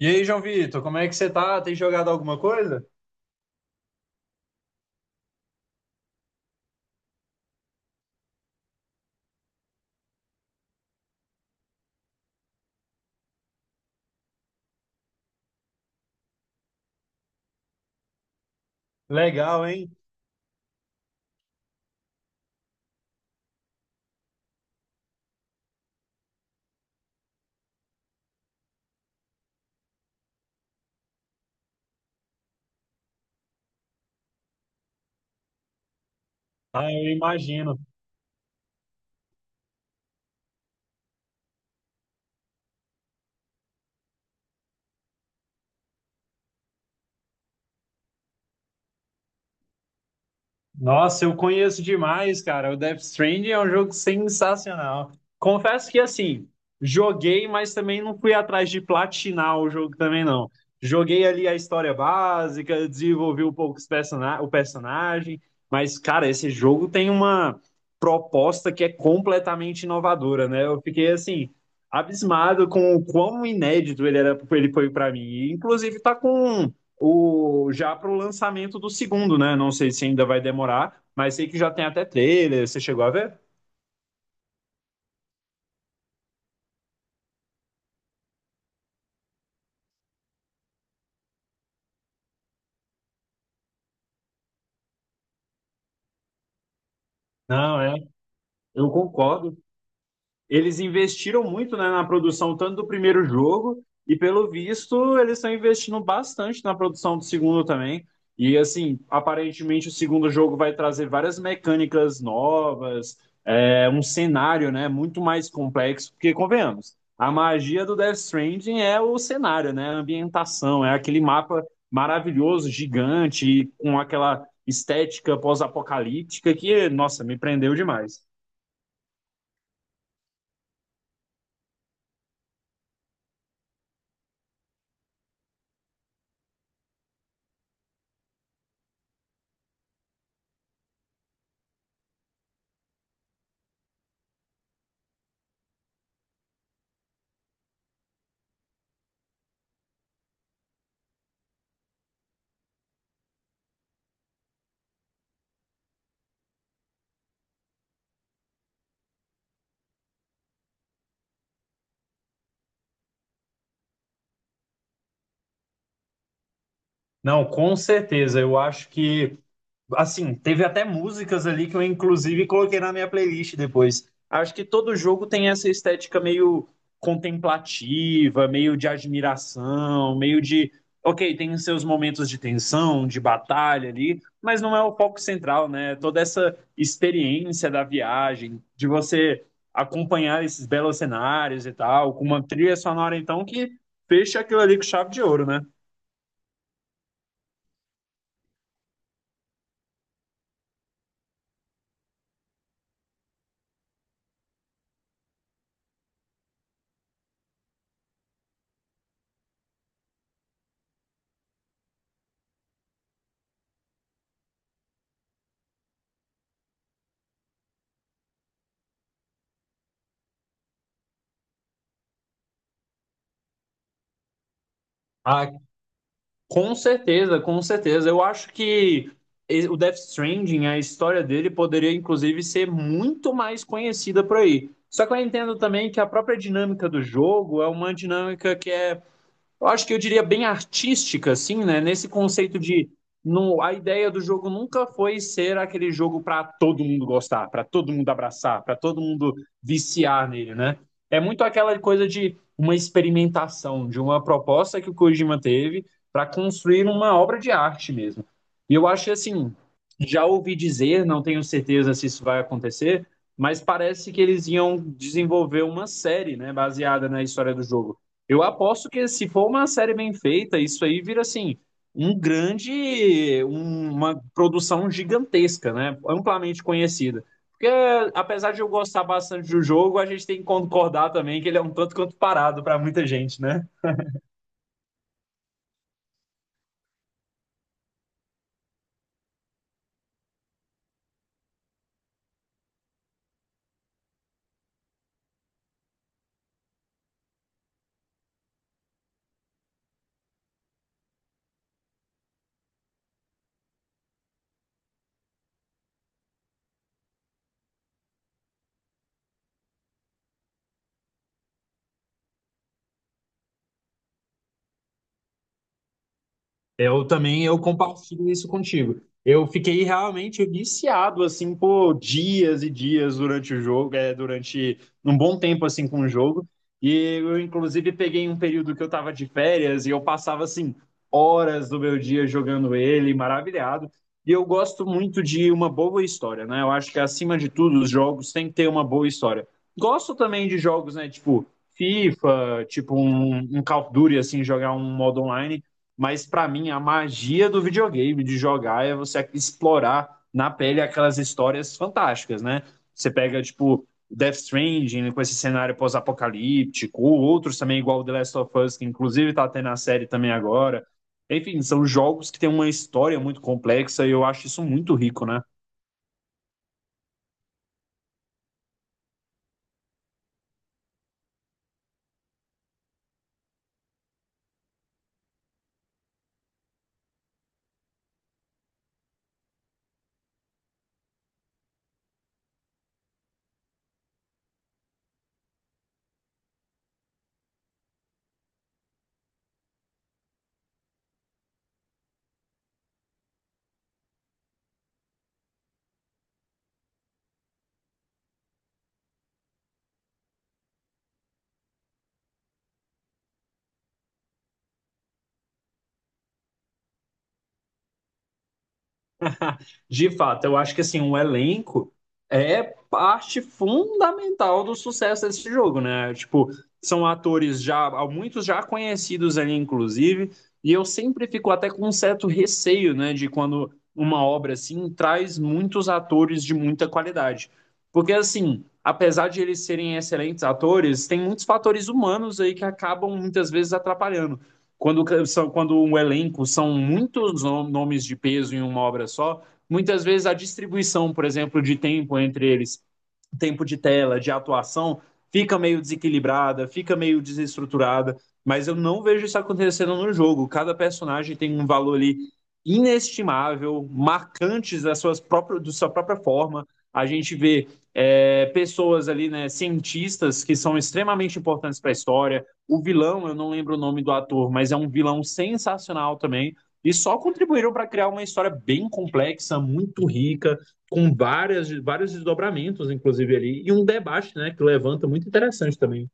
E aí, João Vitor, como é que você tá? Tem jogado alguma coisa? Legal, hein? Ah, eu imagino. Nossa, eu conheço demais, cara. O Death Stranding é um jogo sensacional. Confesso que, assim, joguei, mas também não fui atrás de platinar o jogo também, não. Joguei ali a história básica, desenvolvi um pouco o personagem, mas, cara, esse jogo tem uma proposta que é completamente inovadora, né? Eu fiquei, assim, abismado com o quão inédito ele era, ele foi pra mim. E, inclusive, tá com um já para o lançamento do segundo, né? Não sei se ainda vai demorar, mas sei que já tem até trailer. Você chegou a ver? Não, eu concordo. Eles investiram muito, né, na produção tanto do primeiro jogo, e pelo visto eles estão investindo bastante na produção do segundo também. E assim, aparentemente o segundo jogo vai trazer várias mecânicas novas, um cenário, né, muito mais complexo, porque convenhamos, a magia do Death Stranding é o cenário, né, a ambientação, é aquele mapa maravilhoso, gigante, com aquela estética pós-apocalíptica que, nossa, me prendeu demais. Não, com certeza. Eu acho que, assim, teve até músicas ali que eu inclusive coloquei na minha playlist depois. Acho que todo jogo tem essa estética meio contemplativa, meio de admiração, meio de, ok, tem os seus momentos de tensão, de batalha ali, mas não é o foco central, né? Toda essa experiência da viagem, de você acompanhar esses belos cenários e tal, com uma trilha sonora então que fecha aquilo ali com chave de ouro, né? Com certeza, com certeza. Eu acho que o Death Stranding, a história dele poderia inclusive ser muito mais conhecida por aí. Só que eu entendo também que a própria dinâmica do jogo é uma dinâmica que é, eu acho que eu diria bem artística, assim, né? Nesse conceito de não, a ideia do jogo nunca foi ser aquele jogo para todo mundo gostar, para todo mundo abraçar, para todo mundo viciar nele, né? É muito aquela coisa de uma experimentação, de uma proposta que o Kojima teve para construir uma obra de arte mesmo. E eu acho que, assim, já ouvi dizer, não tenho certeza se isso vai acontecer, mas parece que eles iam desenvolver uma série, né, baseada na história do jogo. Eu aposto que se for uma série bem feita, isso aí vira assim um grande, uma produção gigantesca, né? Amplamente conhecida. Porque apesar de eu gostar bastante do jogo, a gente tem que concordar também que ele é um tanto quanto parado para muita gente, né? Eu também, eu compartilho isso contigo. Eu fiquei realmente viciado, assim, por dias e dias durante o jogo, durante um bom tempo, assim, com o jogo. E eu, inclusive, peguei um período que eu tava de férias e eu passava, assim, horas do meu dia jogando ele, maravilhado. E eu gosto muito de uma boa história, né? Eu acho que, acima de tudo, os jogos têm que ter uma boa história. Gosto também de jogos, né, tipo FIFA, tipo um Call of Duty, assim, jogar um modo online, mas para mim, a magia do videogame, de jogar, é você explorar na pele aquelas histórias fantásticas, né? Você pega, tipo, Death Stranding com esse cenário pós-apocalíptico, ou outros também, igual The Last of Us, que inclusive tá tendo a série também agora. Enfim, são jogos que têm uma história muito complexa e eu acho isso muito rico, né? De fato, eu acho que assim, o elenco é parte fundamental do sucesso desse jogo, né? Tipo, são atores já, muitos já conhecidos ali, inclusive, e eu sempre fico até com um certo receio, né, de quando uma obra assim traz muitos atores de muita qualidade. Porque assim, apesar de eles serem excelentes atores, tem muitos fatores humanos aí que acabam muitas vezes atrapalhando. Quando, são, quando um elenco são muitos nomes de peso em uma obra só, muitas vezes a distribuição, por exemplo, de tempo entre eles, tempo de tela, de atuação, fica meio desequilibrada, fica meio desestruturada, mas eu não vejo isso acontecendo no jogo. Cada personagem tem um valor ali inestimável, marcantes da, suas próprias, da sua própria forma. A gente vê pessoas ali, né, cientistas que são extremamente importantes para a história. O vilão, eu não lembro o nome do ator, mas é um vilão sensacional também. E só contribuíram para criar uma história bem complexa, muito rica, com várias, vários desdobramentos, inclusive ali, e um debate, né, que levanta muito interessante também.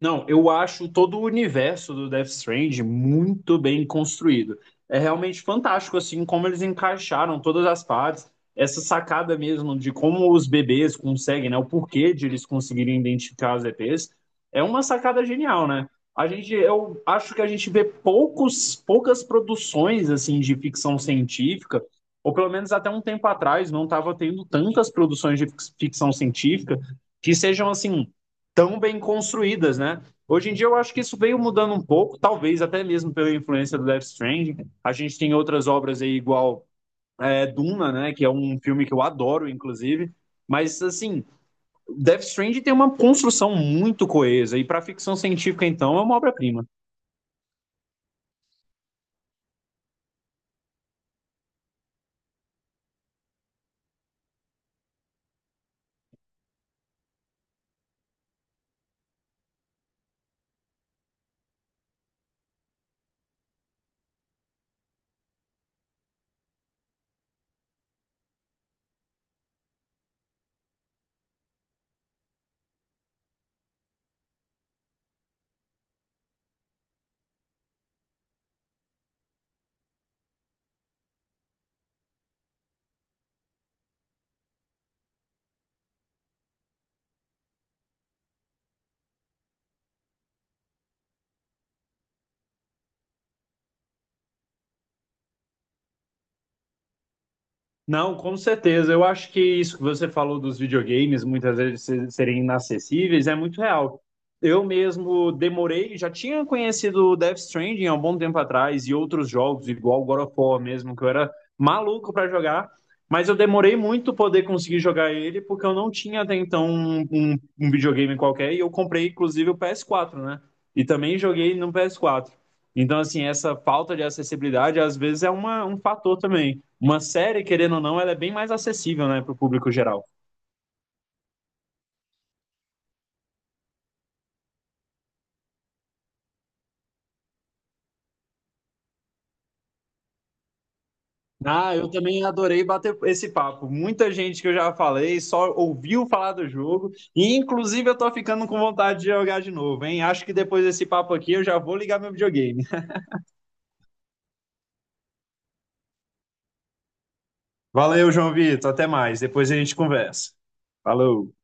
Não, eu acho todo o universo do Death Stranding muito bem construído. É realmente fantástico, assim, como eles encaixaram todas as partes. Essa sacada mesmo de como os bebês conseguem, né? O porquê de eles conseguirem identificar as EPs é uma sacada genial, né? Eu acho que a gente vê poucos, poucas produções, assim, de ficção científica, ou pelo menos até um tempo atrás não estava tendo tantas produções de ficção científica que sejam, assim, tão bem construídas, né? Hoje em dia eu acho que isso veio mudando um pouco, talvez até mesmo pela influência do Death Stranding. A gente tem outras obras aí igual Duna, né? Que é um filme que eu adoro, inclusive. Mas assim, Death Stranding tem uma construção muito coesa e para ficção científica então é uma obra-prima. Não, com certeza. Eu acho que isso que você falou dos videogames muitas vezes serem inacessíveis é muito real. Eu mesmo demorei, já tinha conhecido o Death Stranding há um bom tempo atrás e outros jogos, igual o God of War mesmo, que eu era maluco para jogar, mas eu demorei muito poder conseguir jogar ele porque eu não tinha até então um videogame qualquer e eu comprei inclusive o PS4, né? E também joguei no PS4. Então, assim, essa falta de acessibilidade às vezes é um fator também. Uma série, querendo ou não, ela é bem mais acessível, né, para o público geral. Ah, eu também adorei bater esse papo. Muita gente que eu já falei só ouviu falar do jogo e inclusive eu tô ficando com vontade de jogar de novo, hein? Acho que depois desse papo aqui eu já vou ligar meu videogame. Valeu, João Vitor, até mais, depois a gente conversa. Falou.